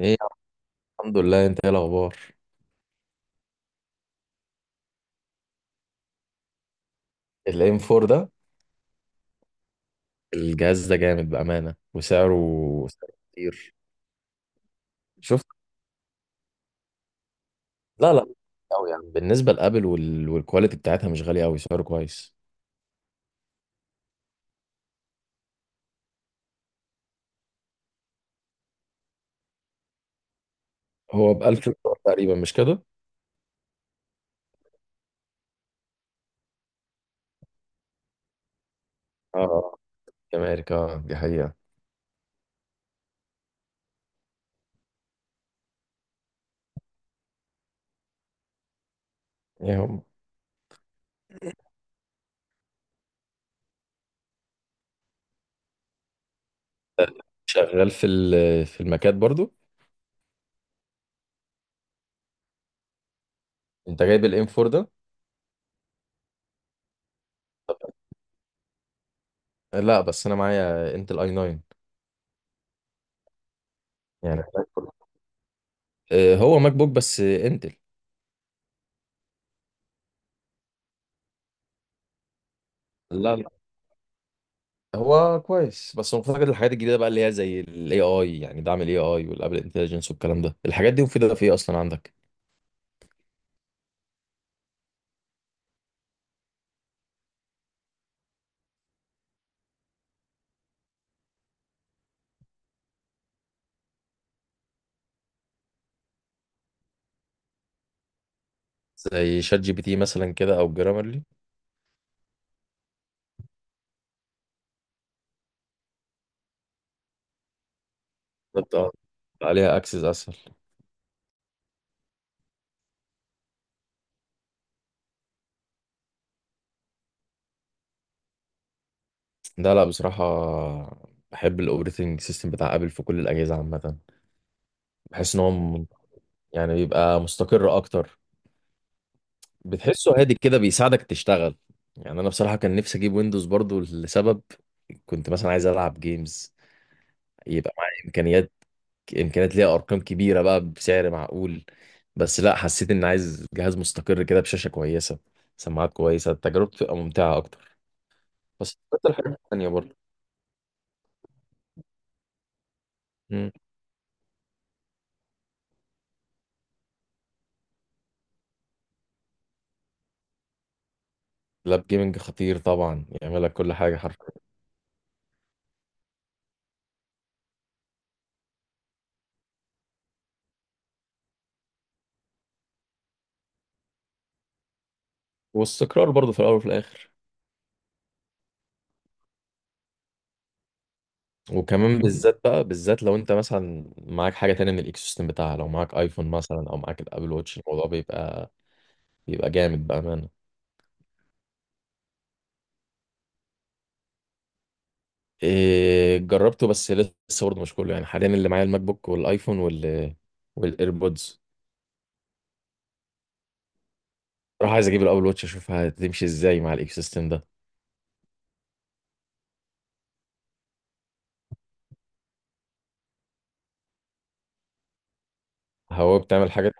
ايه. الحمد لله، انت ايه الاخبار؟ الام 4 ده الجهاز ده جامد بامانه، وسعره سعره كتير. شفت. لا لا قوي يعني بالنسبه لابل وال... والكواليتي بتاعتها مش غاليه قوي، سعره كويس. هو ب 1000 دولار تقريبا مش كده؟ اه كاميريكا آه، دي حقيقه. ايه هم؟ شغال في ال... في المكات برضو؟ انت جايب الام 4 ده؟ لا، بس انا معايا انتل اي 9. يعني آه، هو ماك بوك بس انتل. لا لا، هو كويس بس مفتقد الحاجات الجديده بقى اللي هي زي الاي اي، يعني دعم الاي اي والابل انتليجنس والكلام ده. الحاجات دي مفيده في ايه اصلا عندك؟ زي شات جي بي تي مثلا كده او جرامرلي. بتبقى عليها اكسس اسهل. لا لا بصراحه، بحب الاوبريتنج سيستم بتاع ابل في كل الاجهزه عامه. بحس ان هو يعني بيبقى مستقر اكتر، بتحسه هادي كده، بيساعدك تشتغل. يعني انا بصراحه كان نفسي اجيب ويندوز برضو لسبب، كنت مثلا عايز العب جيمز، يبقى معايا امكانيات، امكانيات ليها ارقام كبيره بقى بسعر معقول. بس لا، حسيت ان عايز جهاز مستقر كده، بشاشه كويسه، سماعات كويسه، تجربته تبقى ممتعه اكتر. بس اكتر حاجه تانية برضه. مم. لاب جيمنج خطير طبعا، يعمل لك كل حاجه حرفيا. واستقرار برضه في الاول وفي الاخر. وكمان بالذات بقى، بالذات لو انت مثلا معاك حاجه تانية من الايكو سيستم بتاعها، لو معاك ايفون مثلا او معاك الابل واتش، الموضوع بيبقى جامد بامانه. إيه، جربته بس لسه برضه مش كله، يعني حاليا اللي معايا الماك بوك والايفون وال والايربودز. راح عايز اجيب الابل واتش اشوفها هتمشي ازاي مع الايكو سيستم ده. هواوي بتعمل حاجات.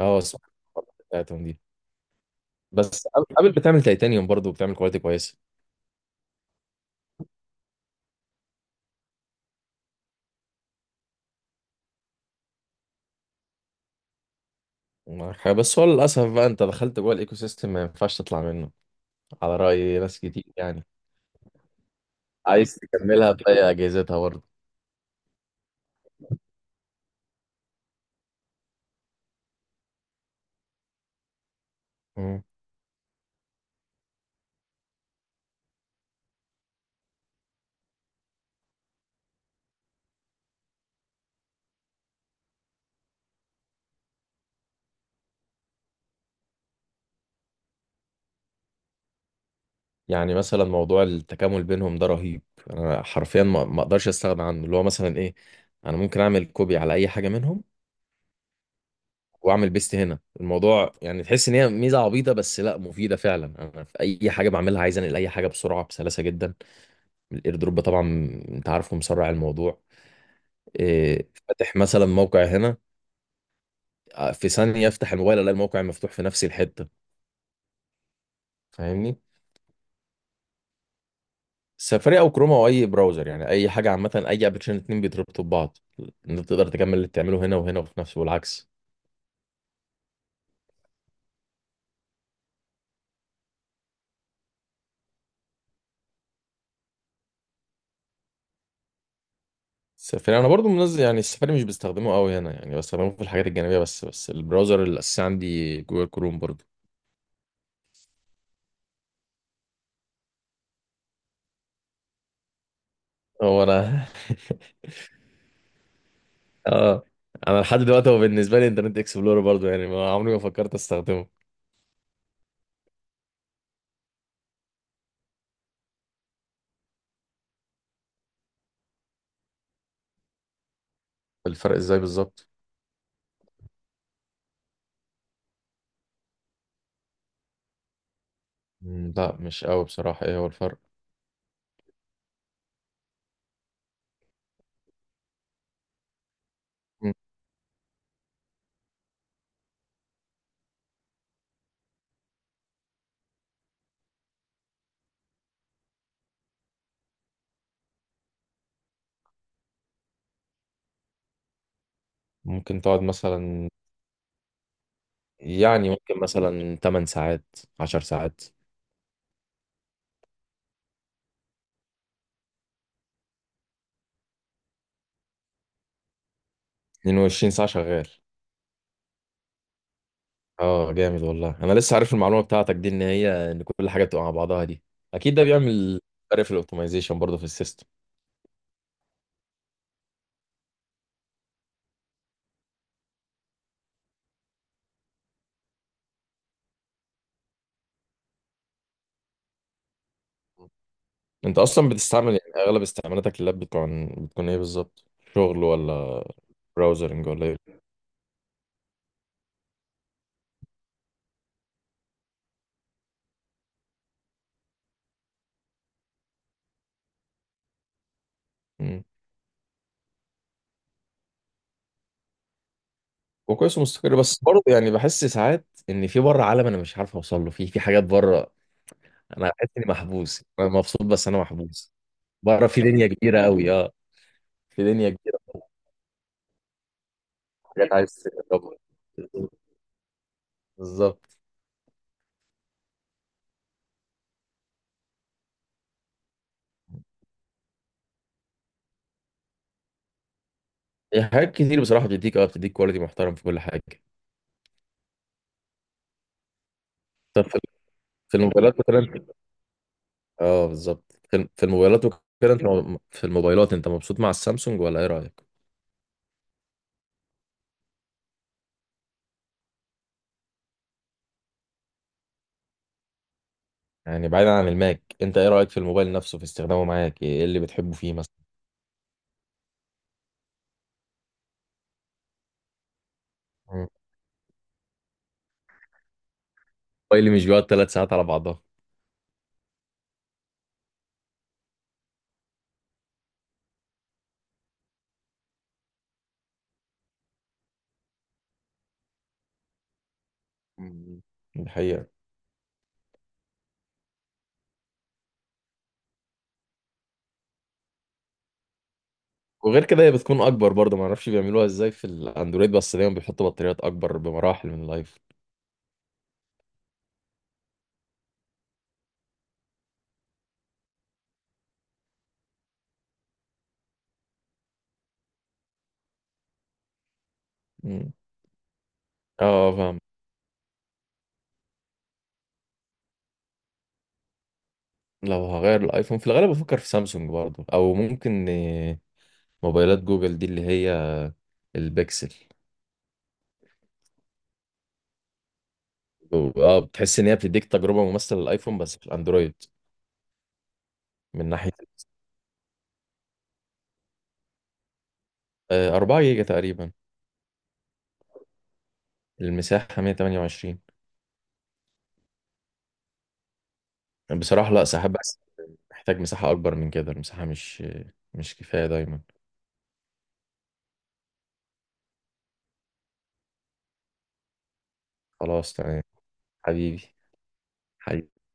اه اسمع، بتاعتهم دي بس. ابل بتعمل تيتانيوم برضه وبتعمل كواليتي كويسه. معاك حاجة. بس هو للاسف بقى، انت دخلت جوه الايكو سيستم، ما ينفعش تطلع منه، على راي ناس كتير يعني. عايز تكملها باقي اجهزتها برضه. مم. يعني مثلا موضوع التكامل بينهم ده رهيب، انا حرفيا ما اقدرش استغنى عنه. اللي هو مثلا ايه، انا ممكن اعمل كوبي على اي حاجه منهم، واعمل بيست هنا. الموضوع يعني تحس ان هي ميزه عبيطه بس لا مفيده فعلا. انا في اي حاجه بعملها عايز انقل اي حاجه بسرعه بسلاسه جدا. الاير دروب طبعا، انت عارفه مسرع الموضوع. إيه، فاتح مثلا موقع هنا، آه، في ثانيه افتح الموبايل الاقي الموقع مفتوح في نفس الحته. فاهمني. سفاري او كروما او اي براوزر، يعني اي حاجه عامه. اي ابلكيشن اتنين بيتربطوا ببعض، انت تقدر تكمل اللي بتعمله هنا وهنا وفي نفسه والعكس. السفاري انا برضو منزل، يعني السفاري مش بستخدمه قوي هنا، يعني بستخدمه في الحاجات الجانبيه بس، البراوزر الاساسي عندي جوجل كروم برضو. هو انا. اه، انا لحد دلوقتي هو بالنسبه لي انترنت اكسبلورر برضو، يعني ما عمري ما فكرت استخدمه. الفرق ازاي بالظبط؟ مم، لا مش قوي بصراحه، ايه هو الفرق؟ مم. ممكن تقعد مثلا، يعني ممكن مثلا 8 ساعات 10 ساعات. 22 ساعه شغال؟ اه جامد والله، انا لسه عارف المعلومه بتاعتك دي، ان هي ان كل حاجه بتبقى مع بعضها دي اكيد ده بيعمل فرق في الاوبتمايزيشن برضه في السيستم. انت اصلا بتستعمل يعني اغلب استعمالاتك اللاب بتكون ايه بالظبط؟ شغل، ولا براوزرنج، ولا ايه؟ مم. وكويس ومستقر، بس برضه يعني بحس ساعات ان في بره عالم انا مش عارف اوصل له، في حاجات بره. انا بحس اني محبوس، انا مبسوط بس انا محبوس. بره في دنيا كبيره قوي، اه. في دنيا كبيره، حاجات عايز تجربها. بالظبط. هي حاجات كتير بصراحة، بتديك اه بتديك كواليتي محترم في كل حاجة. طب في، في الموبايلات مثلا؟ اه بالظبط، في في الموبايلات وكده. انت في الموبايلات انت مبسوط مع السامسونج ولا ايه رأيك؟ يعني بعيدا عن الماك، انت ايه رأيك في الموبايل نفسه، في استخدامه معاك، ايه اللي بتحبه فيه مثلا؟ مم. موبايل مش بيقعد 3 ساعات على بعضها. مم. دي حقيقة. وغير كده هي بتكون اكبر برضه، ما اعرفش بيعملوها ازاي في الاندرويد، بس دايما بيحطوا بطاريات اكبر بمراحل من الايفون. مم. اه فاهم. لو هغير الايفون في الغالب بفكر في سامسونج برضه، او ممكن موبايلات جوجل دي اللي هي البيكسل. اه، بتحس ان هي بتديك تجربه ممثله للايفون بس في الاندرويد. من ناحيه، آه، 4 جيجا تقريبا. المساحه 128. بصراحه لا، ساعات بس محتاج مساحه اكبر من كده، المساحه مش كفايه دايما. خلاص تمام. حبيبي. حبيبي.